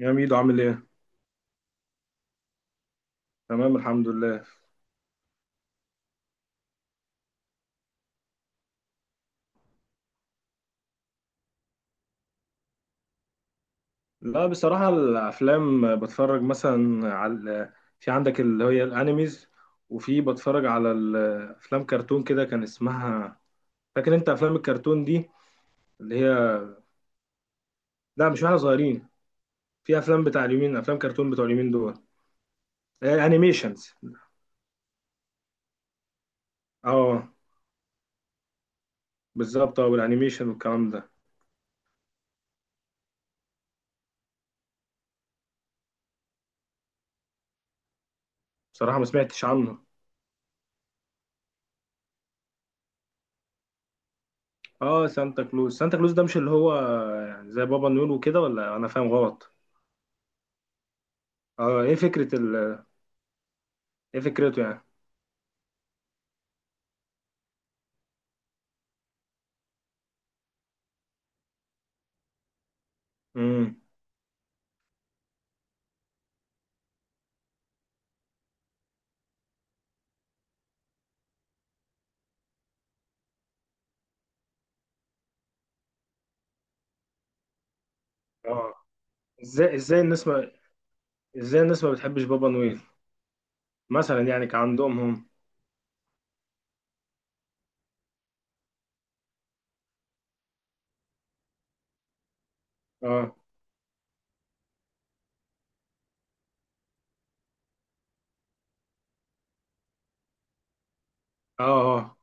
يا ميدو عامل ايه؟ تمام الحمد لله. لا بصراحة الأفلام بتفرج مثلا على عندك اللي هي الأنيميز، وفي بتفرج على الأفلام كرتون كده كان اسمها. فاكر أنت أفلام الكرتون دي اللي هي؟ لا مش واحنا صغيرين، في أفلام بتاع اليومين، أفلام كرتون بتوع اليومين دول. إيه، أنيميشنز. اه بالظبط، اه والأنيميشن والكلام ده. بصراحة ما سمعتش عنه. اه سانتا كلوز، سانتا كلوز ده مش اللي هو يعني زي بابا نيول وكده، ولا أنا فاهم غلط؟ اه ايه فكرة ايه فكرته يعني؟ امم. اه. ازاي ازاي الناس ما ازاي الناس ما بتحبش بابا نويل؟ مثلا يعني كان عندهم هم. اه اه اه.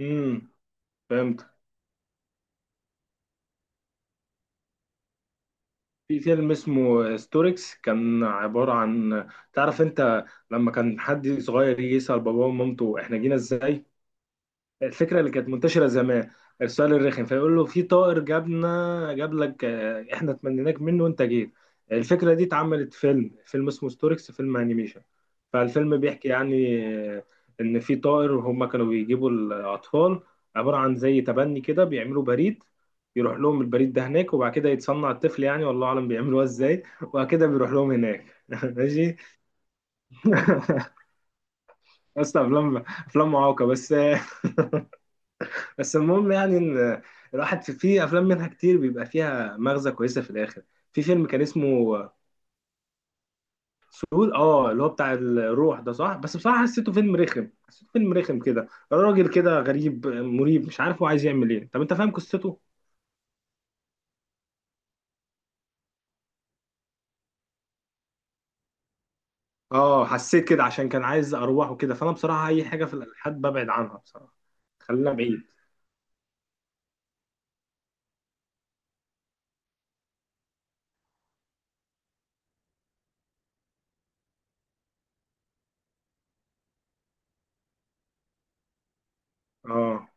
امم، فهمت. في فيلم اسمه ستوركس، كان عبارة عن، تعرف انت لما كان حد صغير يجي يسأل باباه ومامته احنا جينا ازاي؟ الفكره اللي كانت منتشره زمان، السؤال الرخم، فيقول له في طائر جابنا جاب لك، احنا تمنيناك منه وانت جيت. الفكره دي اتعملت فيلم، فيلم اسمه ستوركس، فيلم انيميشن. فالفيلم بيحكي يعني، آه، ان في طائر هم كانوا بيجيبوا الاطفال، عباره عن زي تبني كده، بيعملوا بريد يروح لهم البريد ده هناك، وبعد كده يتصنع الطفل يعني، والله اعلم بيعملوها ازاي، وبعد كده بيروح لهم هناك. ماشي. اصلا افلام، افلام معوقه بس. بس المهم يعني ان الواحد في افلام منها كتير بيبقى فيها مغزى كويسه في الاخر. في فيلم كان اسمه فول، اه اللي هو بتاع الروح ده، صح؟ بس بصراحه حسيته فيلم رخم، حسيته فيلم رخم كده، راجل كده غريب مريب مش عارف هو عايز يعمل ايه. طب انت فاهم قصته؟ اه حسيت كده عشان كان عايز ارواح وكده، فانا بصراحه اي حاجه في الالحاد ببعد عنها بصراحه. خلينا بعيد. اه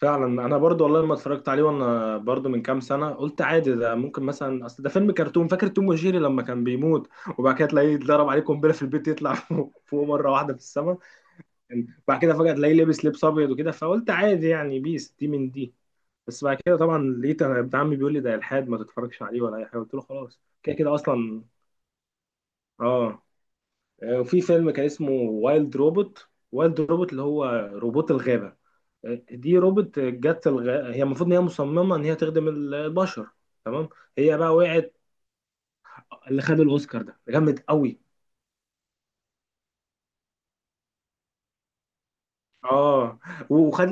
فعلا، انا برضو والله لما اتفرجت عليه وانا برضو من كام سنه قلت عادي ده، ممكن مثلا، اصل ده فيلم كرتون. فاكر توم وجيري لما كان بيموت، وبعد كده تلاقيه اتضرب عليه قنبله في البيت يطلع فوق فوق مره واحده في السماء، بعد كده فجاه تلاقيه لابس لبس ابيض وكده، فقلت عادي يعني، بيس دي من دي. بس بعد كده طبعا لقيت انا ابن عمي بيقول لي ده الحاد ما تتفرجش عليه ولا اي حاجه، قلت له خلاص كده كده اصلا. اه. وفي فيلم كان اسمه وايلد روبوت، وايلد روبوت اللي هو روبوت الغابه. دي روبوت جت هي المفروض ان هي مصممه ان هي تخدم البشر، تمام. هي بقى وقعت. اللي خد الاوسكار ده جامد قوي. اه. وخد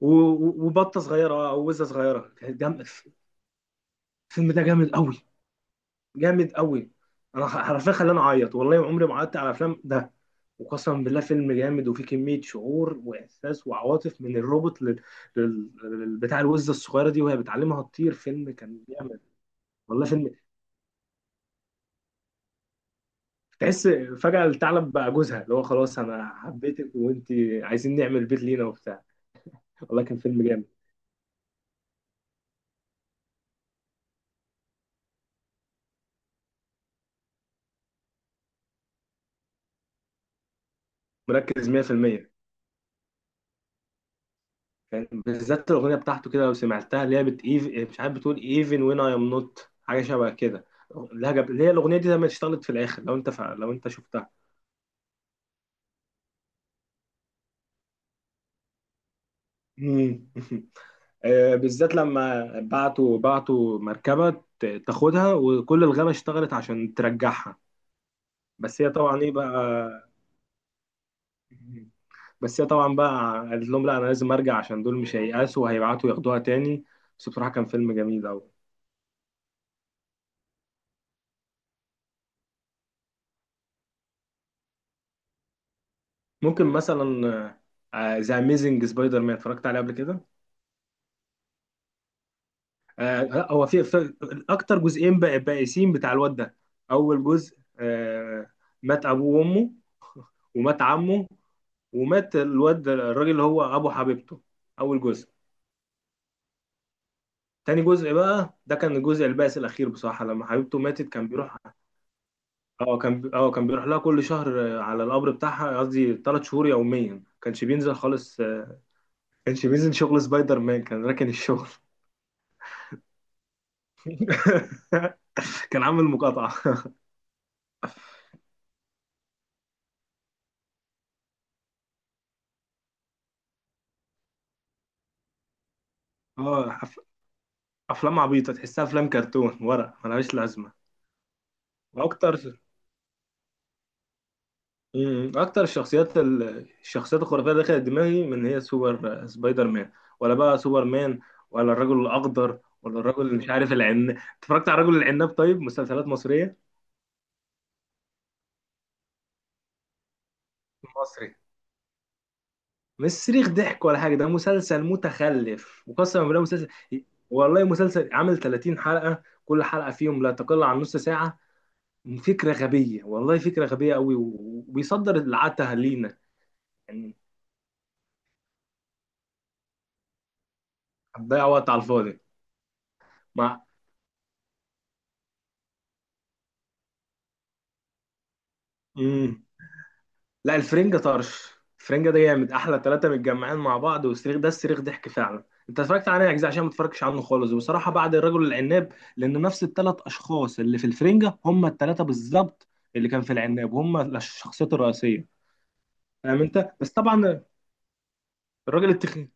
و- وبطه صغيره، اه او وزه صغيره، كانت جامد الفيلم. ده جامد قوي. جامد قوي، انا حرفيا خلاني اعيط، والله ما عمري ما قعدت على افلام ده. وقسما بالله فيلم جامد، وفيه كميه شعور واحساس وعواطف من الروبوت بتاع الوزه الصغيره دي وهي بتعلمها تطير. فيلم كان جامد. والله فيلم تحس فجأة الثعلب بقى جوزها، اللي هو خلاص أنا حبيتك وأنت، عايزين نعمل بيت لينا وبتاع. والله كان فيلم جامد. مركز 100%. كان بالذات الأغنية بتاعته كده لو سمعتها، اللي هي مش عارف بتقول even when I am not، حاجة شبه كده. لهجة اللي هي الأغنية دي لما اشتغلت في الآخر، لو أنت لو أنت شفتها. مم. آه، بالذات لما بعتوا مركبة تاخدها، وكل الغابة اشتغلت عشان ترجعها. بس هي طبعا إيه بقى، بس هي طبعا بقى قالت لهم لا انا لازم ارجع، عشان دول مش هييأسوا وهيبعتوا ياخدوها تاني. بس بصراحه كان فيلم جميل قوي. ممكن مثلا ذا اميزنج سبايدر مان، اتفرجت عليه قبل كده؟ آه لا، هو في اكتر جزئين بقى بائسين بتاع الواد ده. اول جزء آه، مات ابوه وامه، ومات عمه، ومات الواد الراجل اللي هو ابو حبيبته. اول جزء. تاني جزء بقى ده كان الجزء البائس الاخير بصراحه، لما حبيبته ماتت كان بيروح. اه، كان اه كان بيروح لها كل شهر، على القبر بتاعها، قصدي 3 شهور يوميا، كانش بينزل خالص، كانش بينزل شغل سبايدر مان، كان راكن الشغل. كان عامل مقاطعة. اه افلام عبيطة، تحسها افلام كرتون ورق ملهاش لازمة. واكتر، مم، اكتر الشخصيات الشخصيات الخرافية اللي دخلت دماغي، من هي، سوبر، سبايدر مان، ولا بقى سوبر مان، ولا الرجل الاخضر، ولا الرجل اللي مش عارف العناب. اتفرجت على الرجل العناب؟ طيب مسلسلات مصرية. مصري. مش صريخ ضحك ولا حاجه، ده مسلسل متخلف وقسما بالله مسلسل. والله مسلسل عامل 30 حلقه، كل حلقه فيهم لا تقل عن نص ساعه، فكره غبيه، والله فكره غبيه قوي، وبيصدر العته لينا. يعني هتضيع وقت على الفاضي. مع، مم. لا الفرنجة طرش، الفرنجة ده جامد، احلى ثلاثة متجمعين مع بعض، والصريخ ده الصريخ ضحك فعلا. انت اتفرجت عليه اجزاء، عشان ما اتفرجتش عنه خالص، وبصراحة بعد الرجل العناب، لان نفس الثلاث اشخاص اللي في الفرنجة هم الثلاثة بالظبط اللي كان في العناب، هم الشخصيات الرئيسية، فاهم انت؟ بس طبعا الراجل التخين،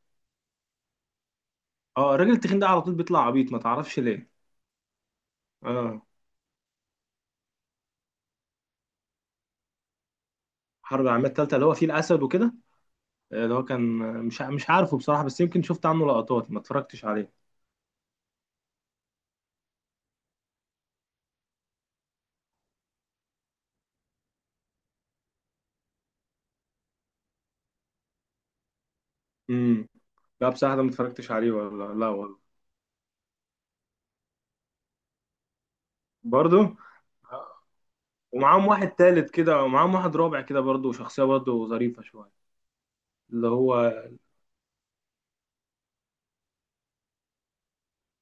اه الراجل التخين ده على طول بيطلع عبيط ما تعرفش ليه. اه. حرب العالمية التالتة اللي هو فيه الاسد وكده، اللي هو كان، مش عارفه بصراحة، بس يمكن شفت عنه لقطات، ما اتفرجتش عليه. امم. لا بصراحة ده ما اتفرجتش عليه ولا لا والله. برضو. ومعاهم واحد تالت كده، ومعاهم واحد رابع كده برضو، شخصية برضو ظريفة شوية، اللي هو.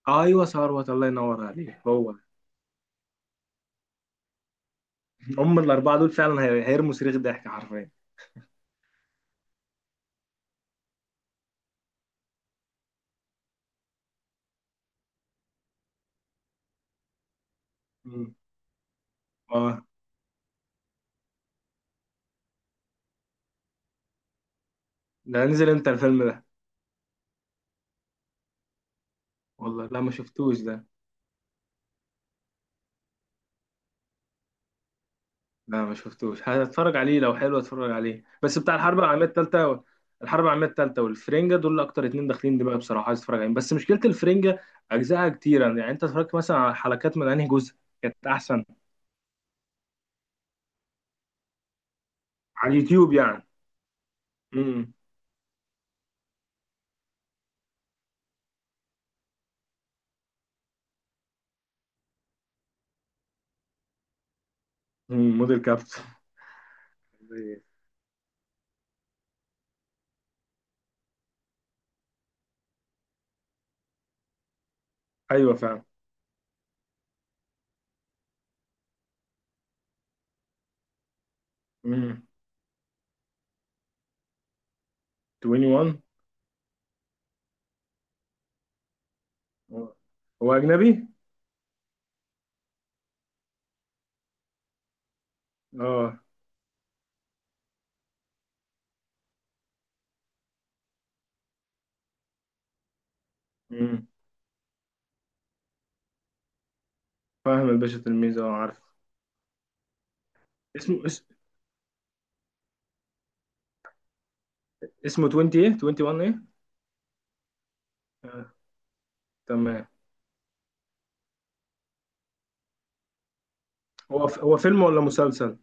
آه، ايوه ثروت، الله ينور عليك، هو ده. هم الاربعة دول فعلا هيرموا صريخ ضحك حرفيا. مم. اه ده نزل امتى الفيلم ده؟ والله لا ما شفتوش ده. لا ما شفتوش، هتفرج عليه لو حلو، اتفرج عليه. بس بتاع الحرب العالميه الثالثه و... الحرب العالميه الثالثه والفرنجه دول اكتر اتنين داخلين دماغي بصراحه، عايز اتفرج عليهم، بس مشكله الفرنجه اجزائها كتيره، يعني انت اتفرجت مثلا على حلقات من انهي جزء كانت احسن؟ على اليوتيوب يعني. امم. أمم، موديل كابت. ايوه فعلا. امم. 21. هو هو اجنبي؟ اه. امم، فاهم الباشا تلميذ، اه عارف. اسمه اسمه 20 ايه، 21 ايه؟ آه. تمام. هو هو فيلم ولا مسلسل؟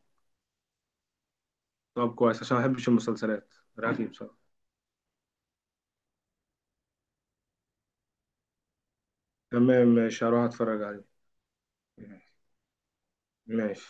طب كويس عشان ما بحبش المسلسلات. رأيي بصراحة. تمام ماشي هروح اتفرج عليه. ماشي.